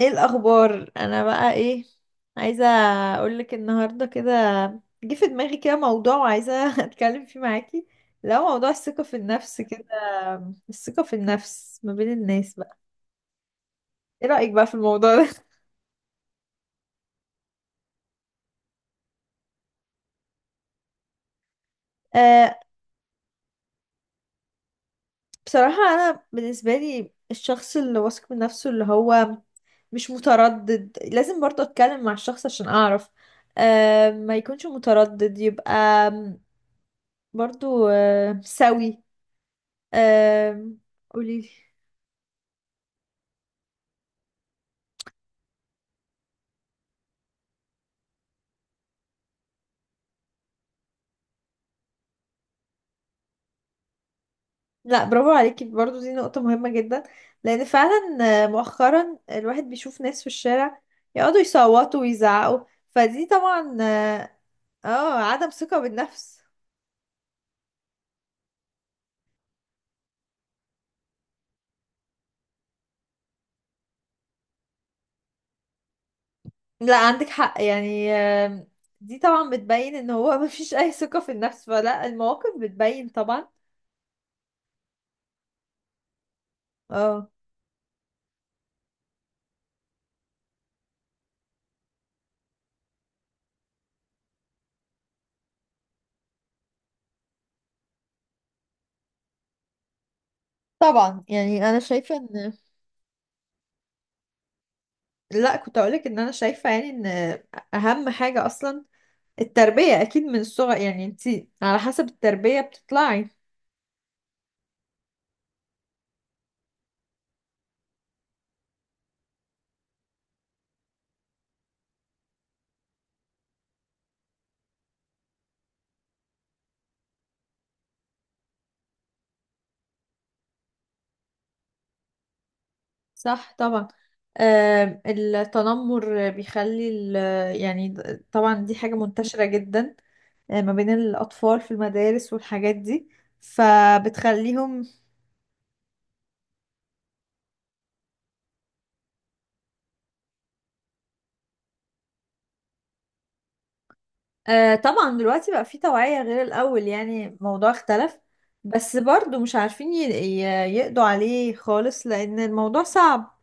ايه الاخبار؟ انا بقى ايه عايزه اقولك النهارده كده. جه في دماغي كده موضوع وعايزه اتكلم فيه معاكي. لو موضوع الثقه في النفس كده، الثقه في النفس ما بين الناس بقى. ايه رايك بقى في الموضوع ده؟ آه، بصراحه انا بالنسبه لي الشخص اللي واثق من نفسه اللي هو مش متردد. لازم برضه اتكلم مع الشخص عشان اعرف. ما يكونش متردد، يبقى برضه سوي. آه، قولي. لا، برافو عليكي، برضو دي نقطة مهمة جدا لأن فعلا، آه، مؤخرا الواحد بيشوف ناس في الشارع يقعدوا يصوتوا ويزعقوا، فدي طبعا اه، آه، عدم ثقة بالنفس. لا، عندك حق يعني، دي طبعا بتبين ان هو مفيش أي ثقة في النفس، فلا المواقف بتبين طبعا. اه، طبعا يعني انا شايفة ان، لا كنت اقولك ان انا شايفة يعني ان اهم حاجة اصلا التربية، اكيد من الصغر. يعني انتي على حسب التربية بتطلعي. صح طبعا. آم، التنمر بيخلي طبعا دي حاجة منتشرة جدا، آه، ما بين الأطفال في المدارس والحاجات دي فبتخليهم. آه، طبعا دلوقتي بقى في توعية غير الأول، يعني الموضوع اختلف. بس برضو مش عارفين يقضوا عليه خالص لأن الموضوع صعب.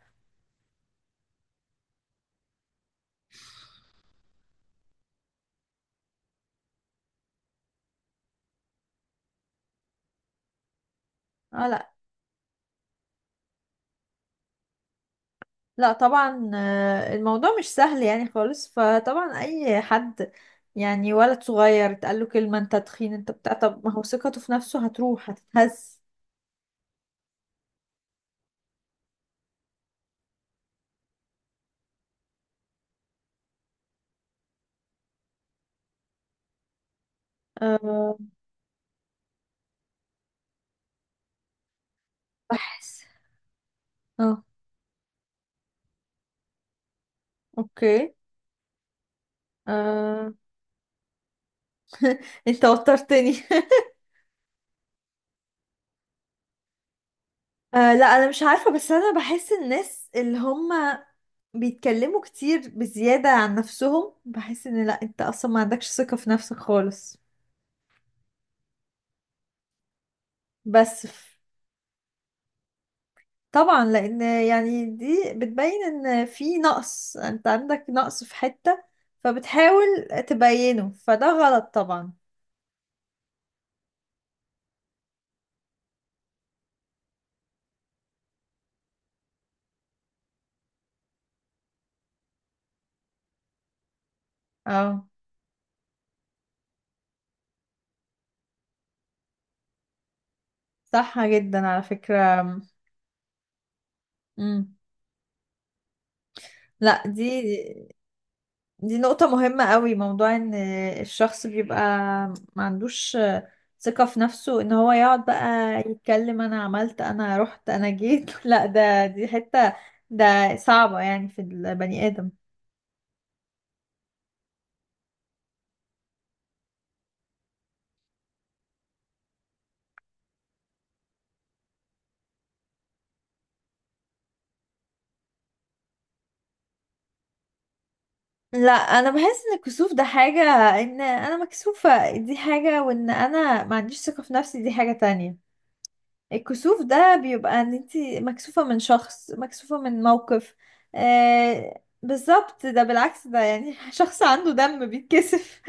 اه، لا لا طبعا، آه، الموضوع مش سهل يعني خالص. فطبعا اي حد، يعني ولد صغير اتقال له كلمة انت تخين انت بتاع، طب ما هو ثقته في نفسه هتروح هتتهز. أه، بحس، اه، اوكي، أه، انت وترتني. أه، لا انا مش عارفة بس انا بحس الناس اللي هم بيتكلموا كتير بزيادة عن نفسهم، بحس ان لا انت اصلا ما عندكش ثقة في نفسك خالص. بس طبعا، لان يعني دي بتبين ان في نقص. انت عندك نقص في حتة فبتحاول تبينه، فده غلط طبعا. اه، صح جدا على فكرة. مم. لا، دي نقطة مهمة قوي، موضوع ان الشخص بيبقى ما عندوش ثقة في نفسه ان هو يقعد بقى يتكلم انا عملت انا رحت انا جيت. لا، ده دي حتة ده صعبة يعني في البني آدم. لا، انا بحس ان الكسوف ده حاجة. ان انا مكسوفة دي حاجة، وان انا ما عنديش ثقة في نفسي دي حاجة تانية. الكسوف ده بيبقى ان انتي مكسوفة من شخص، مكسوفة من موقف. آه، بالظبط، ده بالعكس ده يعني شخص عنده دم بيتكسف.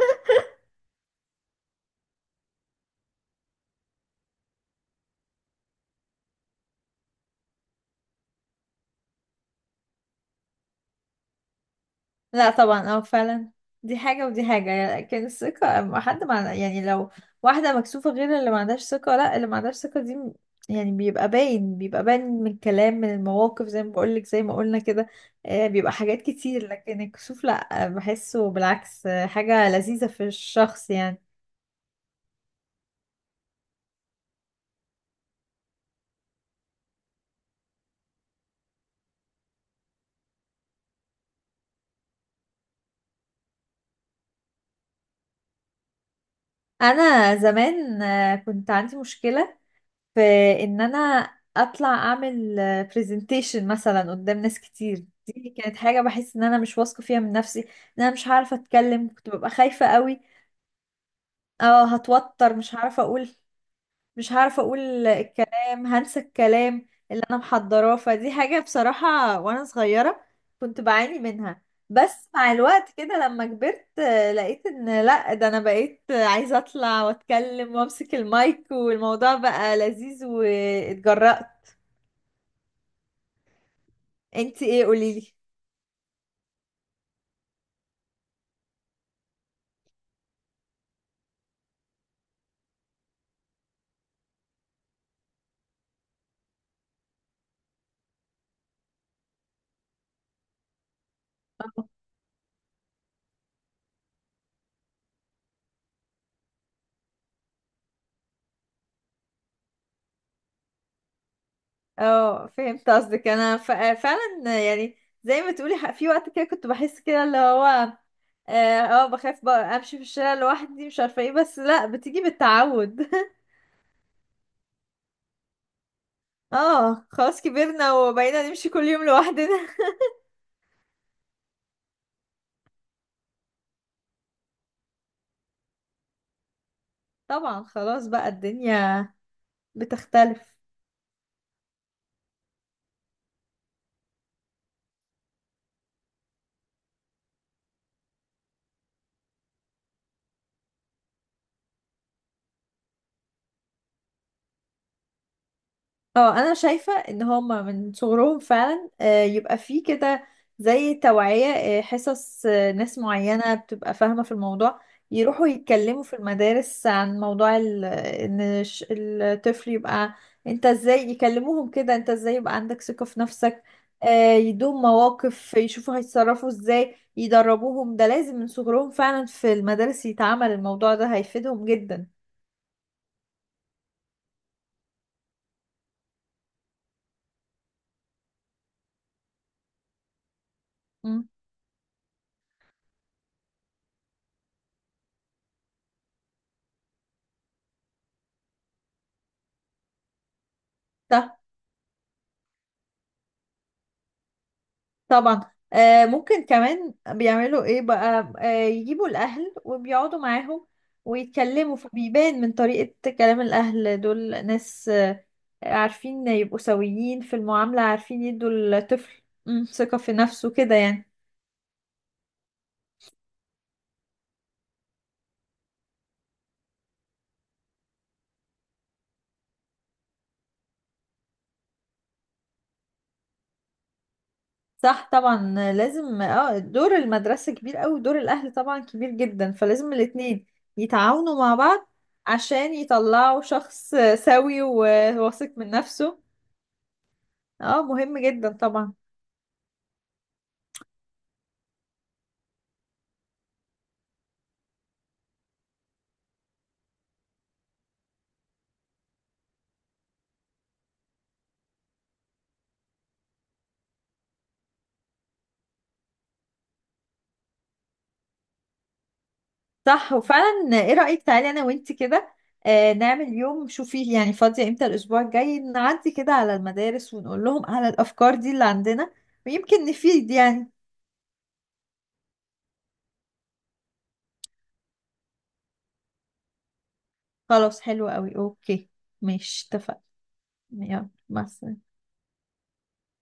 لا طبعا، اه فعلا، دي حاجة ودي حاجة. لكن الثقة ما حد مع، يعني لو واحدة مكسوفة غير اللي ما عندهاش ثقة. لا، اللي ما عندهاش ثقة دي م- يعني بيبقى باين، بيبقى باين من الكلام من المواقف، زي ما بقولك زي ما قلنا كده. آه، بيبقى حاجات كتير، لكن الكسوف لا، آه، بحسه بالعكس، آه، حاجة لذيذة في الشخص يعني. أنا زمان، آه، كنت عندي مشكلة في ان انا اطلع اعمل برزنتيشن مثلا قدام ناس كتير. دي كانت حاجة بحس ان انا مش واثقة فيها من نفسي، ان انا مش عارفة اتكلم. كنت ببقى خايفة قوي. اه، هتوتر، مش عارفة اقول، مش عارفة اقول الكلام، هنسى الكلام اللي انا محضراه. فدي حاجة بصراحة وانا صغيرة كنت بعاني منها. بس مع الوقت كده لما كبرت، آه، لقيت ان لا، ده انا بقيت عايزة اطلع واتكلم وامسك المايك، والموضوع بقى لذيذ واتجرأت. انت ايه، قوليلي. اه، فهمت قصدك. انا ف- فعلا يعني، زي ما تقولي، ح- في وقت كده كنت بحس كده اللي هو، اه، آه، بخاف بقى امشي في الشارع لوحدي مش عارفه ايه، بس لا بتيجي بالتعود. اه، خلاص كبرنا وبقينا نمشي كل يوم لوحدنا. طبعا خلاص، بقى الدنيا بتختلف. اه، انا شايفة ان هما من صغرهم فعلا، آه، يبقى فيه كده زي توعية، آه، حصص، آه، ناس معينة بتبقى فاهمة في الموضوع يروحوا يتكلموا في المدارس عن موضوع الطفل يبقى انت ازاي، يكلموهم كده انت ازاي يبقى عندك ثقة في نفسك. آه، يدوم مواقف يشوفوا هيتصرفوا ازاي، يدربوهم. ده لازم من صغرهم فعلا في المدارس يتعمل الموضوع ده، هيفيدهم جدا. مم. طبعا، آه ممكن كمان بيعملوا ايه بقى، آه يجيبوا الاهل وبيقعدوا معاهم ويتكلموا، فبيبان من طريقة كلام الاهل دول ناس آه عارفين يبقوا سويين في المعاملة، عارفين يدوا الطفل، مم، ثقة في نفسه كده يعني. صح طبعا، آه، لازم اه دور المدرسة كبير قوي، دور الاهل طبعا كبير جدا، فلازم الاتنين يتعاونوا مع بعض عشان يطلعوا شخص آه، سوي وواثق من نفسه. اه، مهم جدا طبعا. صح، وفعلا ايه رأيك، تعالي انا وانتي كده، آه نعمل يوم، شوفي يعني فاضية امتى الاسبوع الجاي، نعدي كده على المدارس ونقول لهم على الافكار دي اللي عندنا ويمكن نفيد يعني. خلاص، حلو قوي، اوكي. ماشي، اتفقنا. يلا، مع السلامة.